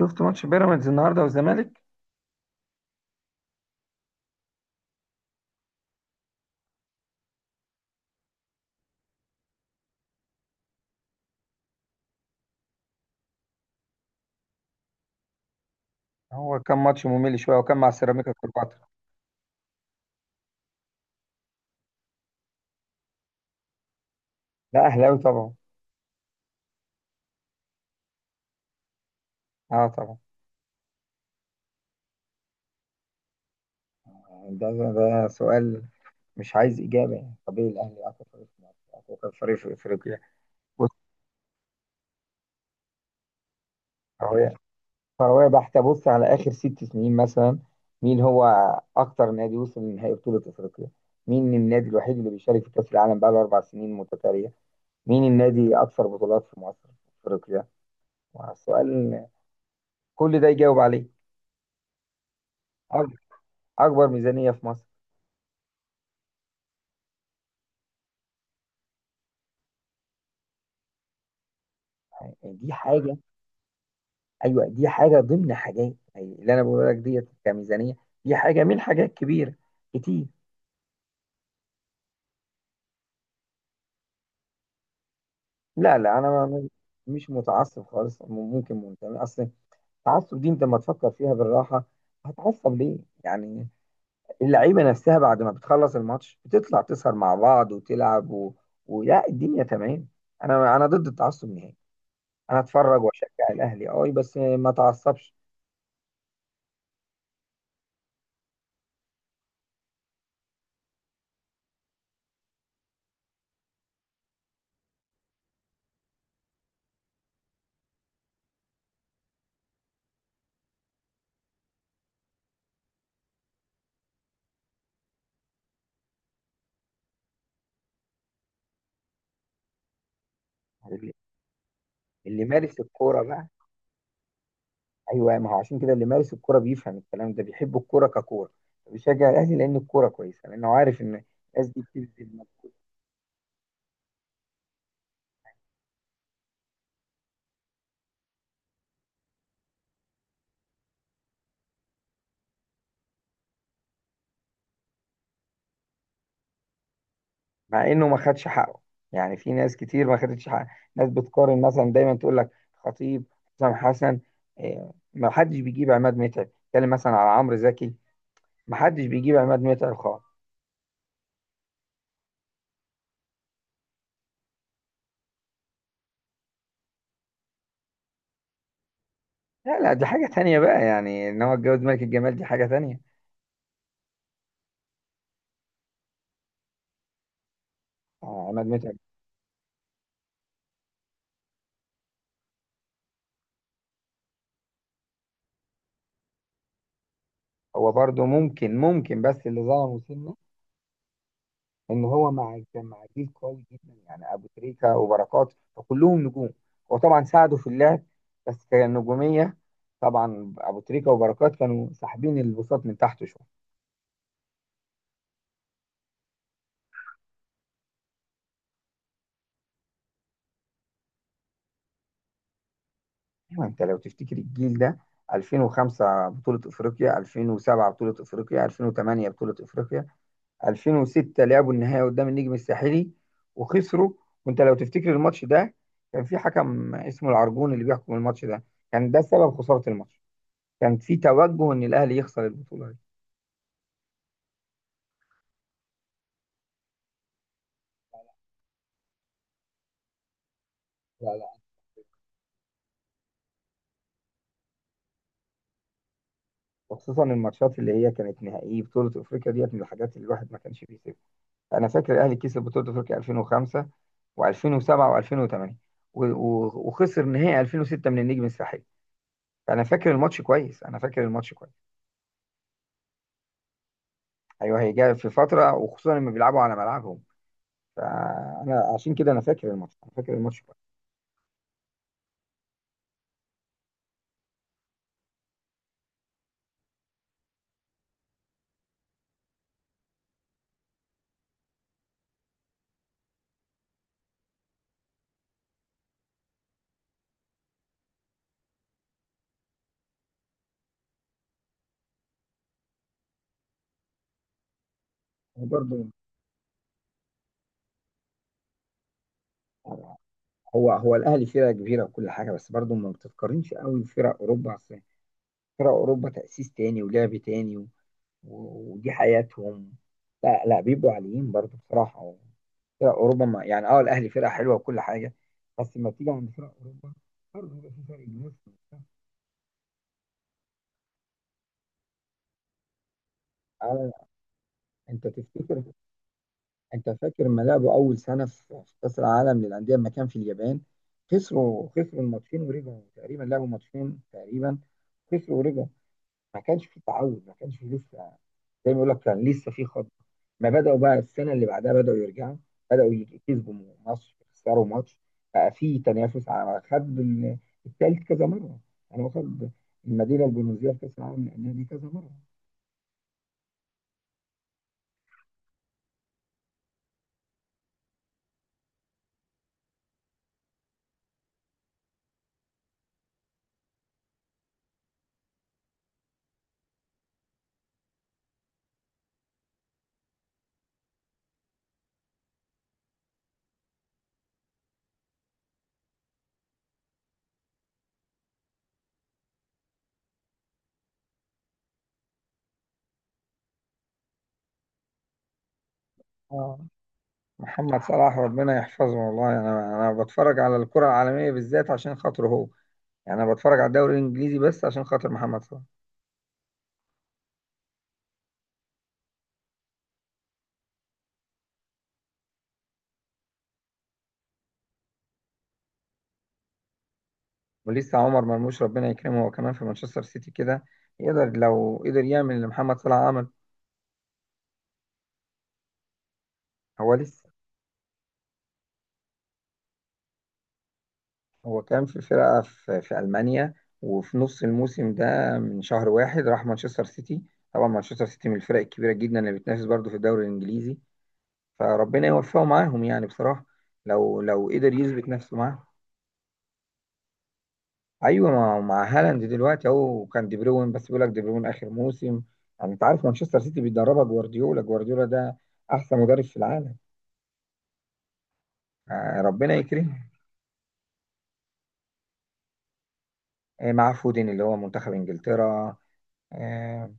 شفت ماتش بيراميدز النهارده والزمالك؟ هو كان ماتش ممل شويه وكان مع سيراميكا كليوباترا. لا، اهلاوي طبعا. اه طبعا. ده ده سؤال. مش عايز اجابه، يعني طبيعي الاهلي اقوى فريق في مصر، اقوى فريق في افريقيا. بص. كرويه. كرويه بحته، بص على اخر 6 سنين مثلا. مين هو اكتر نادي وصل لنهائي بطوله افريقيا؟ مين النادي الوحيد اللي بيشارك في كاس العالم بقاله 4 سنين متتاليه؟ مين النادي اكثر بطولات في مصر، في افريقيا؟ السؤال، كل ده يجاوب عليه. أك- اكبر ميزانيه في مصر. دي حاجة. أيوة، دي حاجة ضمن حاجات، يعني اللي أنا بقول لك ديت كميزانية. دي حاجة من حاجات كبيرة كتير. لا لا، أنا مش متعصب خالص. ممكن منتمي أصلا. التعصب دي أنت لما تفكر فيها بالراحة، هتعصب ليه؟ يعني اللعيبة نفسها بعد ما بتخلص الماتش بتطلع تسهر مع بعض وتلعب، و... ولا الدنيا تمام. أنا ضد التعصب نهائي. أنا أتفرج وأشجع الأهلي، أه، بس ما أتعصبش. اللي اللي مارس الكورة بقى. ايوه، ما هو عشان كده اللي مارس الكوره بيفهم الكلام ده، بيحب الكوره ككوره، بيشجع الاهلي لان الكوره كويسه، لانه عارف ان الناس دي بتبذل مجهود. مع انه ما خدش حقه، يعني في ناس كتير ما خدتش حقه. ناس بتقارن مثلا، دايما تقول لك خطيب، حسام حسن، ما حدش بيجيب عماد متعب. اتكلم مثلا على عمرو زكي، ما حدش بيجيب عماد متعب خالص. لا لا، دي حاجه تانية بقى، يعني ان هو اتجوز ملك الجمال دي حاجه تانية. عماد متعب. هو برضه ممكن بس اللي ظلمه سنه، ان هو كان مع جيل قوي جدا، يعني ابو تريكه وبركات فكلهم نجوم، هو طبعا ساعدوا في اللعب بس كنجوميه. طبعا ابو تريكه وبركات كانوا ساحبين البساط من تحت شويه. ايوه، انت لو تفتكر الجيل ده: 2005 بطولة أفريقيا، 2007 بطولة أفريقيا، 2008 بطولة أفريقيا، 2006 لعبوا النهائي قدام النجم الساحلي وخسروا. وأنت لو تفتكر الماتش ده، كان في حكم اسمه العرجون اللي بيحكم الماتش ده، كان ده سبب خسارة الماتش، كان في توجه ان الاهلي يخسر البطوله دي. لا لا، وخصوصا الماتشات اللي هي كانت نهائيه بطوله افريقيا ديت من الحاجات اللي الواحد ما كانش بيسيبها. انا فاكر الاهلي كسب بطوله افريقيا 2005 و2007 و2008، وخسر نهائي 2006 من النجم الساحلي، فانا فاكر الماتش كويس، انا فاكر الماتش كويس. ايوه، هي جايه في فتره، وخصوصا لما بيلعبوا على ملعبهم، فانا عشان كده انا فاكر الماتش، انا فاكر الماتش كويس. برضه، هو الاهلي فرقه كبيره وكل حاجه، بس برضه ما بتتقارنش قوي بفرق اوروبا. أصل فرق أوروبا تأسيس تاني ولعب تاني، و... ودي حياتهم. لا لا، بيبقوا عاليين برضو بصراحة. فرق أوروبا، ما يعني أه الأهلي فرقة حلوة وكل حاجة، بس لما بتيجي عند فرق أوروبا برضه بيبقى في فرق جنيه. آه، أنت تفتكر، أنت فاكر لما لعبوا أول سنة في كأس العالم للأندية لما كان في اليابان؟ خسروا، خسروا الماتشين ورجعوا، تقريبا لعبوا ماتشين تقريبا، خسروا ورجعوا. ما كانش في تعود، ما كانش في لسه، زي ما يقول لك كان لسه في خط. ما بدأوا بقى السنة اللي بعدها بدأوا يرجعوا، بدأوا يكسبوا ماتش، يخسروا ماتش. بقى في تنافس على خد التالت كذا مرة، يعني هو خد المدينة البونوزية في كأس العالم للأندية دي كذا مرة. اه، محمد صلاح ربنا يحفظه، والله انا بتفرج على الكرة العالمية بالذات عشان خاطره هو، يعني انا بتفرج على الدوري الانجليزي بس عشان خاطر محمد صلاح. ولسه عمر مرموش ربنا يكرمه، هو كمان في مانشستر سيتي كده، يقدر لو قدر يعمل اللي محمد صلاح عمل. هو لسه، هو كان في فرقة في ألمانيا، وفي نص الموسم ده من شهر واحد راح مانشستر سيتي. طبعا مانشستر سيتي من الفرق الكبيرة جدا اللي بتنافس برضه في الدوري الإنجليزي، فربنا يوفقه معاهم يعني بصراحة، لو قدر يثبت نفسه معاهم. أيوة، مع هالاند دلوقتي أهو. كان دي بروين، بس بيقول لك دي بروين آخر موسم، يعني أنت عارف مانشستر سيتي بيدربها جوارديولا، جوارديولا ده أحسن مدرب في العالم. ربنا يكرمه. مع فودين اللي هو منتخب إنجلترا. آه،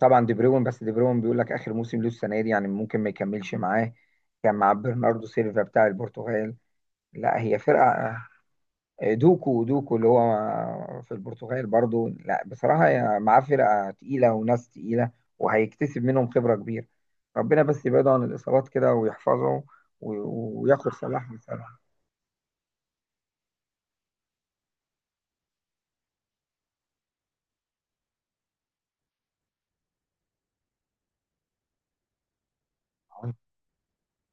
طبعا دي بروين، بس دي بروين بيقول لك اخر موسم له السنه دي، يعني ممكن ما يكملش معاه. كان مع برناردو سيلفا بتاع البرتغال. لا هي فرقه. دوكو، دوكو اللي هو في البرتغال برضو. لا بصراحه هي معاه فرقه تقيله وناس تقيله، وهيكتسب منهم خبره كبيره. ربنا بس يبعده عن الاصابات كده ويحفظه، وياخد صلاح مثلا.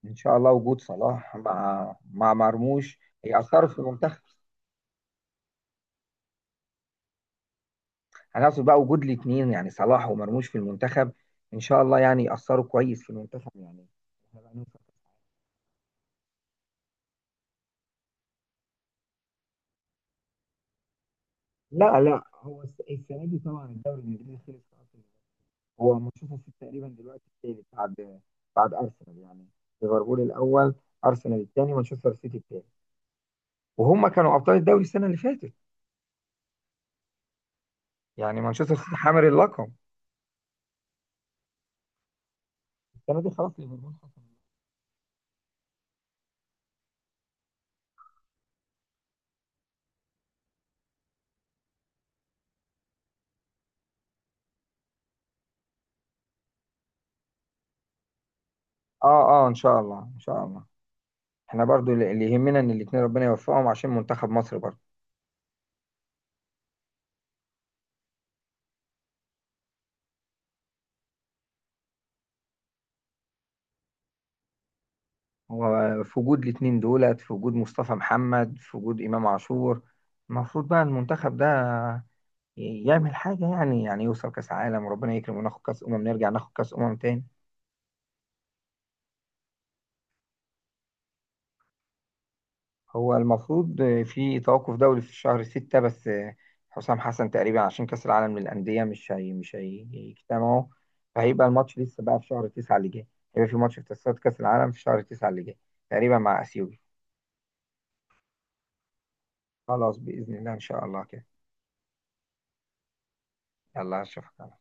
ان شاء الله وجود صلاح مع مرموش هيأثروا في المنتخب. هنقصد بقى وجود الاثنين، يعني صلاح ومرموش في المنتخب، ان شاء الله يعني يأثروا كويس في المنتخب يعني. إحنا بقى نوصل. لا لا، هو السنه دي طبعا الدوري الانجليزي خلص خلاص. هو مانشستر سيتي تقريبا دلوقتي الثالث، بعد بعد ارسنال، يعني ليفربول الاول، ارسنال الثاني، مانشستر سيتي الثالث، وهم كانوا ابطال الدوري السنه اللي فاتت، يعني مانشستر سيتي حامل اللقب. السنه دي خلاص ليفربول خسر. اه اه، ان شاء الله ان شاء الله. احنا برضو اللي يهمنا ان الاثنين ربنا يوفقهم عشان منتخب مصر برضو. هو في وجود الاتنين دولت، في وجود مصطفى محمد، في وجود إمام عاشور، المفروض بقى المنتخب ده يعمل حاجة، يعني يوصل كأس عالم، وربنا يكرم وناخد كأس أمم، نرجع ناخد كأس أمم تاني. هو المفروض في توقف دولي في شهر 6 بس، حسام حسن تقريبا عشان كأس العالم للأندية مش هي مش هيجتمعوا، فهيبقى الماتش لسه بقى في شهر 9 اللي جاي. هيبقى في ماتش في تصفيات كأس العالم في شهر 9 اللي جاي، تقريبا مع أثيوبيا. خلاص بإذن الله، إن شاء الله كده. يلا أشوفك.